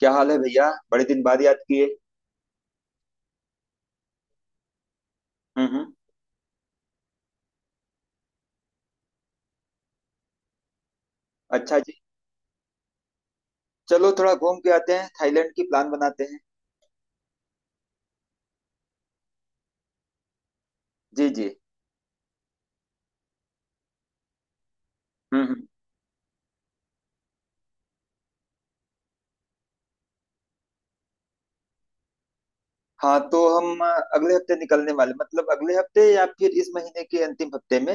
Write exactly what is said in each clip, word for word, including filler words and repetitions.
क्या हाल है भैया बड़े दिन बाद याद किए। हम्म हम्म। अच्छा जी। चलो थोड़ा घूम के आते हैं थाईलैंड की प्लान बनाते हैं। जी जी। हम्म हम्म। हाँ तो हम अ, अगले हफ्ते निकलने वाले मतलब अगले हफ्ते या फिर इस महीने के अंतिम हफ्ते में।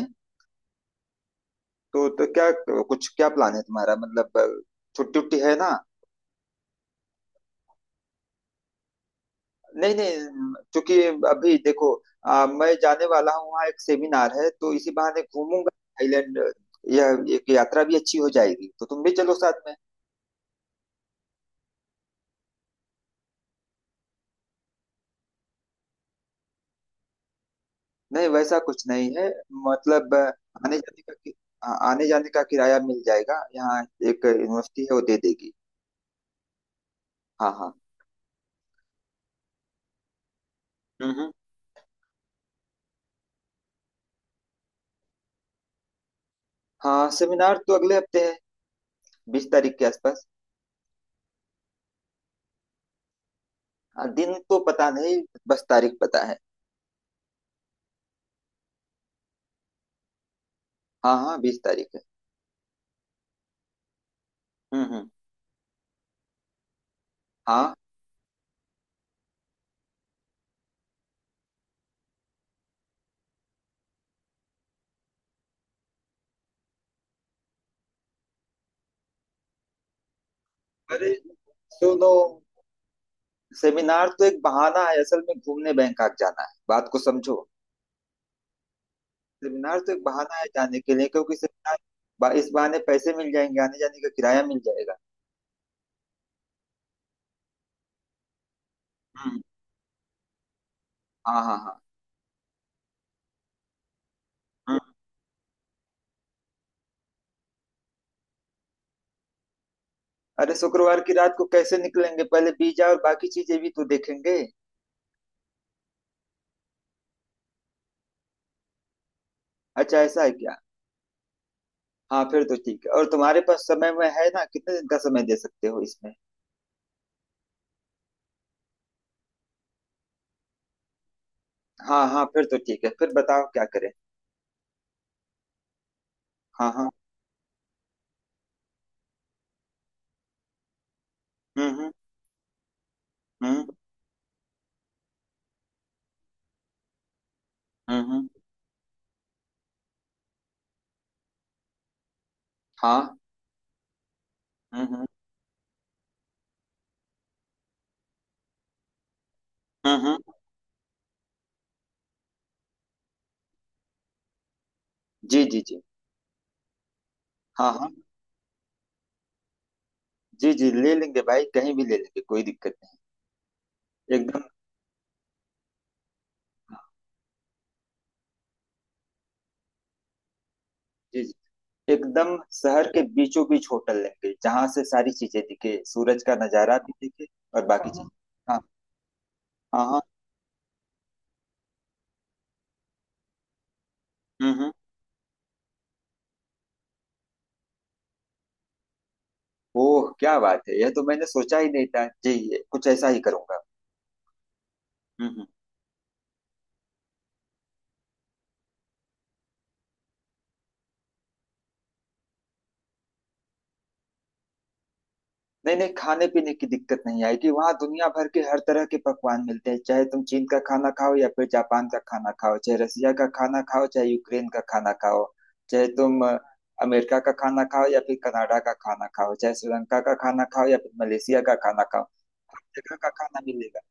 तो तो क्या कुछ क्या प्लान है तुम्हारा मतलब अ, छुट्टी उट्टी है ना। नहीं नहीं क्योंकि अभी देखो अ, मैं जाने वाला हूँ वहाँ एक सेमिनार है तो इसी बहाने घूमूंगा थाईलैंड। यह एक यात्रा भी अच्छी हो जाएगी तो तुम भी चलो साथ में। नहीं वैसा कुछ नहीं है मतलब अ, आने जाने का कि- आ- आने जाने का किराया मिल जाएगा यहाँ। एक यूनिवर्सिटी है वो दे देगी। हाँ हाँ। हम्म। हाँ सेमिनार तो अगले हफ्ते है बीस तारीख के आसपास। हाँ, दिन तो पता नहीं बस तारीख पता है। हाँ हाँ बीस तारीख है। हम्म हम्म। हाँ। अरे सुनो सेमिनार तो एक बहाना है असल में घूमने बैंकॉक जाना है बात को समझो। सेमिनार तो एक बहाना है जाने के लिए क्योंकि सेमिनार बा- इस बहाने पैसे मिल जाएंगे आने जाने का किराया मिल जाएगा। हम्म। हाँ हाँ हाँ। हाँ। अरे शुक्रवार की रात को कैसे निकलेंगे पहले वीजा और बाकी चीजें भी तो देखेंगे। अच्छा ऐसा है क्या। हाँ फिर तो ठीक है और तुम्हारे पास समय में है ना कितने दिन का समय दे सकते हो इसमें। हाँ हाँ फिर तो ठीक है फिर बताओ क्या करें। हाँ हाँ। हम्म हम्म हम्म हम्म। हम्म, हाँ। हम्म हम्म। हम्म हम्म, जी जी जी। हाँ हाँ। जी जी ले लेंगे भाई कहीं भी ले लेंगे कोई दिक्कत नहीं। एकदम। हाँ, जी जी। एकदम शहर के बीचों बीच होटल लेंगे जहाँ से सारी चीजें दिखे सूरज का नजारा भी दिखे और बाकी चीजें। हाँ हाँ हाँ। हम्म हम्म। ओह क्या बात है, यह तो मैंने सोचा ही नहीं था जी। ये कुछ ऐसा ही करूंगा। हम्म, हम्म। नहीं नहीं खाने पीने की दिक्कत नहीं आएगी, वहाँ दुनिया भर के हर तरह के पकवान मिलते हैं। चाहे तुम चीन का खाना खाओ या फिर जापान का खाना खाओ, चाहे रसिया का खाना खाओ, चाहे यूक्रेन का खाना खाओ, चाहे तुम अ, अमेरिका का खाना खाओ या फिर कनाडा का खाना खाओ, चाहे श्रीलंका का खाना खाओ या फिर मलेशिया का खाना खाओ। हर जगह का खाना मिलेगा।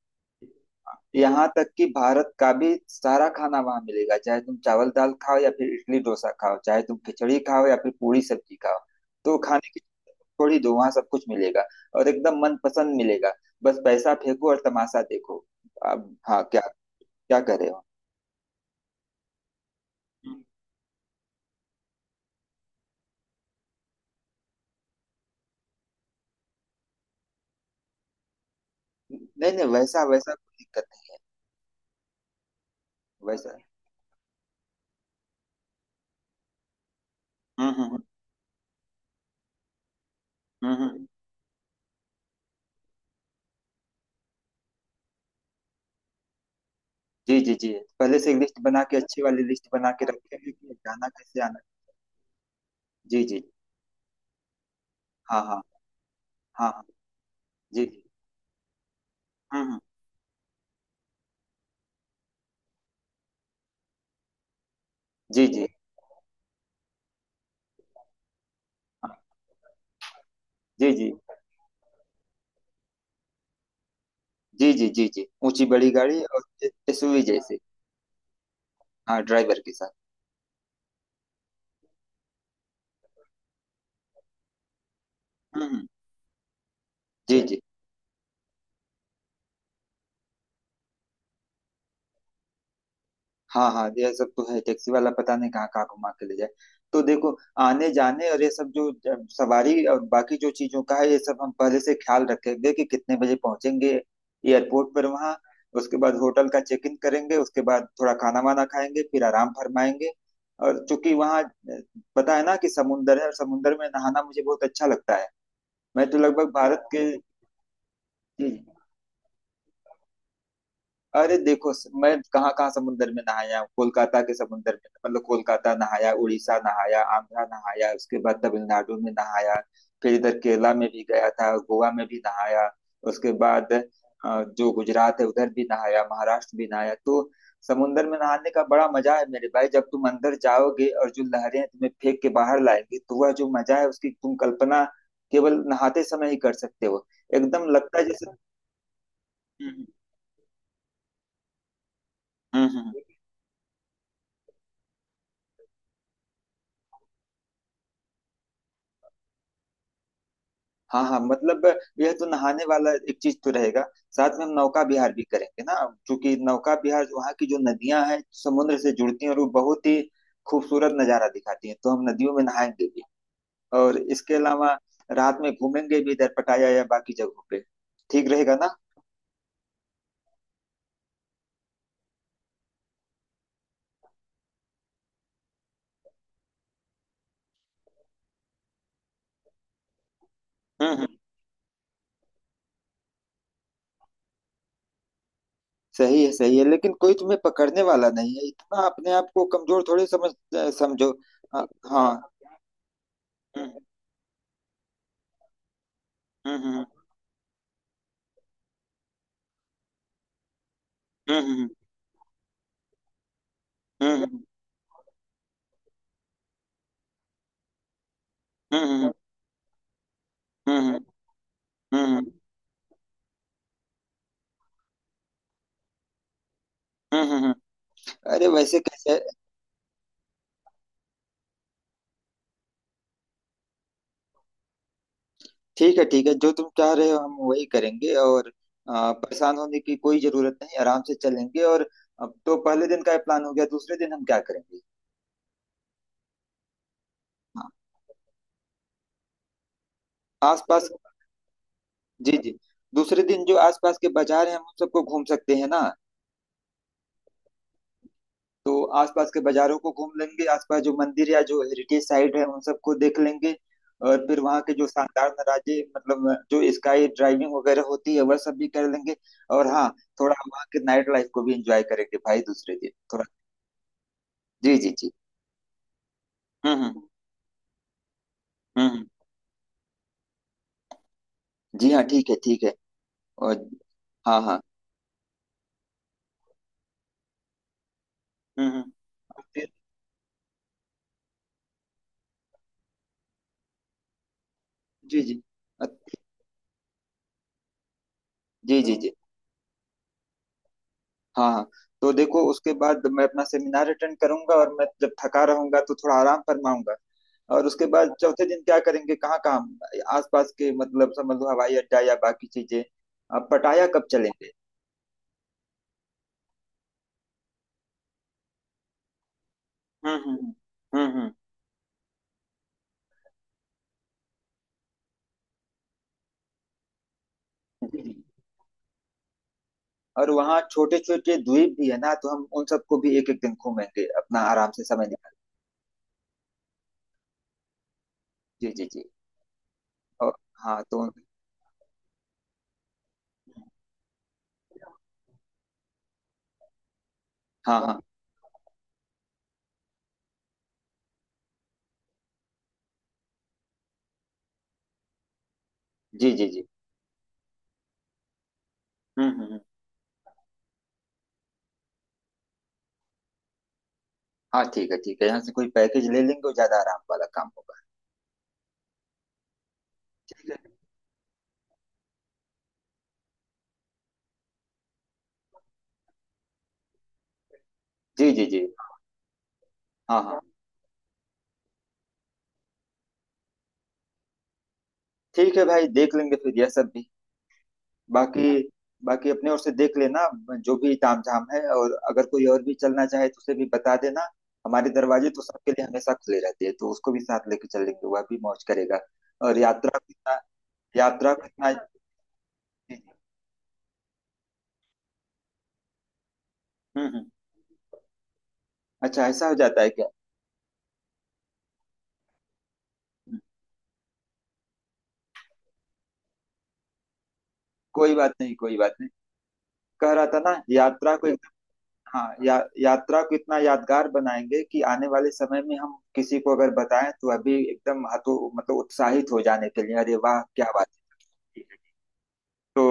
यहाँ तक कि भारत का भी सारा खाना वहां मिलेगा, चाहे तुम चावल दाल खाओ या फिर इडली डोसा खाओ, चाहे तुम खिचड़ी खाओ या फिर पूरी सब्जी खाओ। तो खाने की थोड़ी दो, वहां सब कुछ मिलेगा और एकदम मनपसंद मिलेगा। बस पैसा फेंको और तमाशा देखो। अब हाँ क्या, क्या कर रहे हो। नहीं नहीं वैसा वैसा कोई दिक्कत नहीं वैसा। हम्म हम्म हम्म हम्म। हम्म। जी जी जी। पहले से एक लिस्ट बना के, अच्छी वाली लिस्ट बना के रखेंगे कि जाना कैसे आना। जी जी। हाँ हाँ हाँ हाँ। जी जी। हम्म हम्म। जी जी। हाँ। जी जी जी जी जी जी, ऊंची बड़ी गाड़ी और एसयूवी जैसे। हाँ ड्राइवर के साथ। हम्म हम्म, जी जी। हाँ हाँ यह सब तो है, टैक्सी वाला पता नहीं कहाँ कहाँ घुमा के ले जाए। तो देखो आने जाने और ये सब जो ज- सवारी और बाकी जो चीजों का है, ये सब हम पहले से ख्याल रखेंगे कि कितने बजे पहुंचेंगे एयरपोर्ट पर वहाँ। उसके बाद होटल का चेक इन करेंगे, उसके बाद थोड़ा खाना वाना खाएंगे फिर आराम फरमाएंगे। और चूंकि वहाँ अ, पता है ना कि समुंदर है, और समुंदर में नहाना मुझे बहुत अच्छा लगता है। मैं तो लगभग भारत के। हम्म, अरे देखो स- मैं कहाँ कहाँ समुंदर में नहाया हूँ। कोलकाता के समुंदर में, मतलब कोलकाता नहाया, उड़ीसा नहाया, आंध्रा नहाया, उसके बाद तमिलनाडु में नहाया, फिर इधर केरला में भी गया था, गोवा में भी नहाया, उसके बाद अ, जो गुजरात है उधर भी नहाया, महाराष्ट्र भी नहाया। तो समुंदर में नहाने का बड़ा मजा है मेरे भाई। जब तुम अंदर जाओगे और जो लहरें तुम्हें फेंक के बाहर लाएंगी, तो वह जो मजा है उसकी तुम कल्पना केवल नहाते समय ही कर सकते हो। एकदम लगता है जैसे। हम्म हम्म हम्म, हम्म। हाँ हाँ, मतलब यह तो नहाने वाला एक चीज तो रहेगा। साथ में हम नौका विहार भी करेंगे ना, क्योंकि नौका विहार वहाँ की जो नदियां हैं समुद्र से जुड़ती हैं और वो बहुत ही खूबसूरत नजारा दिखाती हैं। तो हम नदियों में नहाएंगे भी और इसके अलावा रात में घूमेंगे भी इधर पटाया या बाकी जगहों पे। ठीक रहेगा ना। हम्म हम्म। सही है सही है, लेकिन कोई तुम्हें पकड़ने वाला नहीं है इतना। अपने आप को कमजोर थोड़ी समझ, समझो। हाँ हाँ। हम्म हम्म हम्म हम्म हम्म हम्म हम्म हम्म हम्म हम्म हम्म हम्म। अरे वैसे कैसे। ठीक है ठीक है, जो तुम चाह रहे हो हम वही करेंगे। और आ, परेशान होने की कोई जरूरत नहीं, आराम से चलेंगे। और अब तो पहले दिन का प्लान हो गया, दूसरे दिन हम क्या करेंगे। हाँ आसपास। जी जी। दूसरे दिन जो आसपास के बाजार हैं हम उन सबको घूम सकते हैं ना। तो आसपास के बाजारों को घूम लेंगे, आसपास जो मंदिर या जो हेरिटेज साइट है उन सबको देख लेंगे। और फिर वहाँ के जो शानदार नज़ारे, मतलब जो स्काई ड्राइविंग वगैरह होती है वह सब भी कर लेंगे। और हाँ, थोड़ा वहाँ के नाइट लाइफ को भी एंजॉय करेंगे भाई, दूसरे दिन थोड़ा। जी जी जी। हम्म हम्म हम्म। जी हाँ, ठीक है ठीक है। और। हाँ हाँ। हम्म हम्म। और फिर- जी जी। अ- जी जी जी। हाँ हाँ। तो देखो उसके बाद मैं अपना सेमिनार अटेंड करूंगा, और मैं जब थका रहूंगा तो थोड़ा आराम फरमाऊंगा। और उसके बाद चौथे दिन क्या करेंगे, कहाँ कहाँ आसपास के, मतलब समझ लो हवाई अड्डा या बाकी चीजें। अब पटाया कब चलेंगे। हम्म हम्म हम्म हम्म। जी, जी। और वहाँ छोटे छोटे द्वीप भी है ना, तो हम उन सबको भी एक एक दिन घूमेंगे अपना आराम से समय निकाल। जी जी जी। और हाँ तो। हाँ हाँ। जी जी जी। हम्म हम्म हम्म। हाँ ठीक है ठीक है, यहाँ से कोई पैकेज ले लेंगे, वो ज्यादा आराम वाला काम होगा। ठीक है। जी जी जी। हाँ हाँ ठीक है भाई, देख लेंगे फिर यह सब भी। बाकी, बाकी अपने ओर से देख लेना जो भी तामझाम है, और अगर कोई और भी चलना चाहे तो उसे भी बता देना। हमारे दरवाजे तो सबके लिए हमेशा खुले रहते हैं, तो उसको भी साथ लेके चलेंगे, वह भी मौज करेगा। और यात्रा को इतना, यात्रा को इतना। हम्म हम्म। अच्छा ऐसा हो जाता है क्या। हम्म, कोई बात नहीं कोई बात नहीं। कह रहा था ना यात्रा को। हाँ या, यात्रा को इतना यादगार बनाएंगे कि आने वाले समय में हम किसी को अगर बताएं तो अभी एकदम हतो मतलब उत्साहित हो जाने के लिए अरे वाह क्या बात है। तो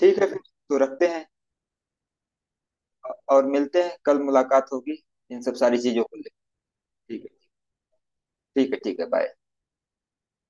ठीक है फिर, तो रखते हैं और मिलते हैं, कल मुलाकात होगी इन सब सारी चीजों को लेकर। ठीक है। ठीक है ठीक है बाय।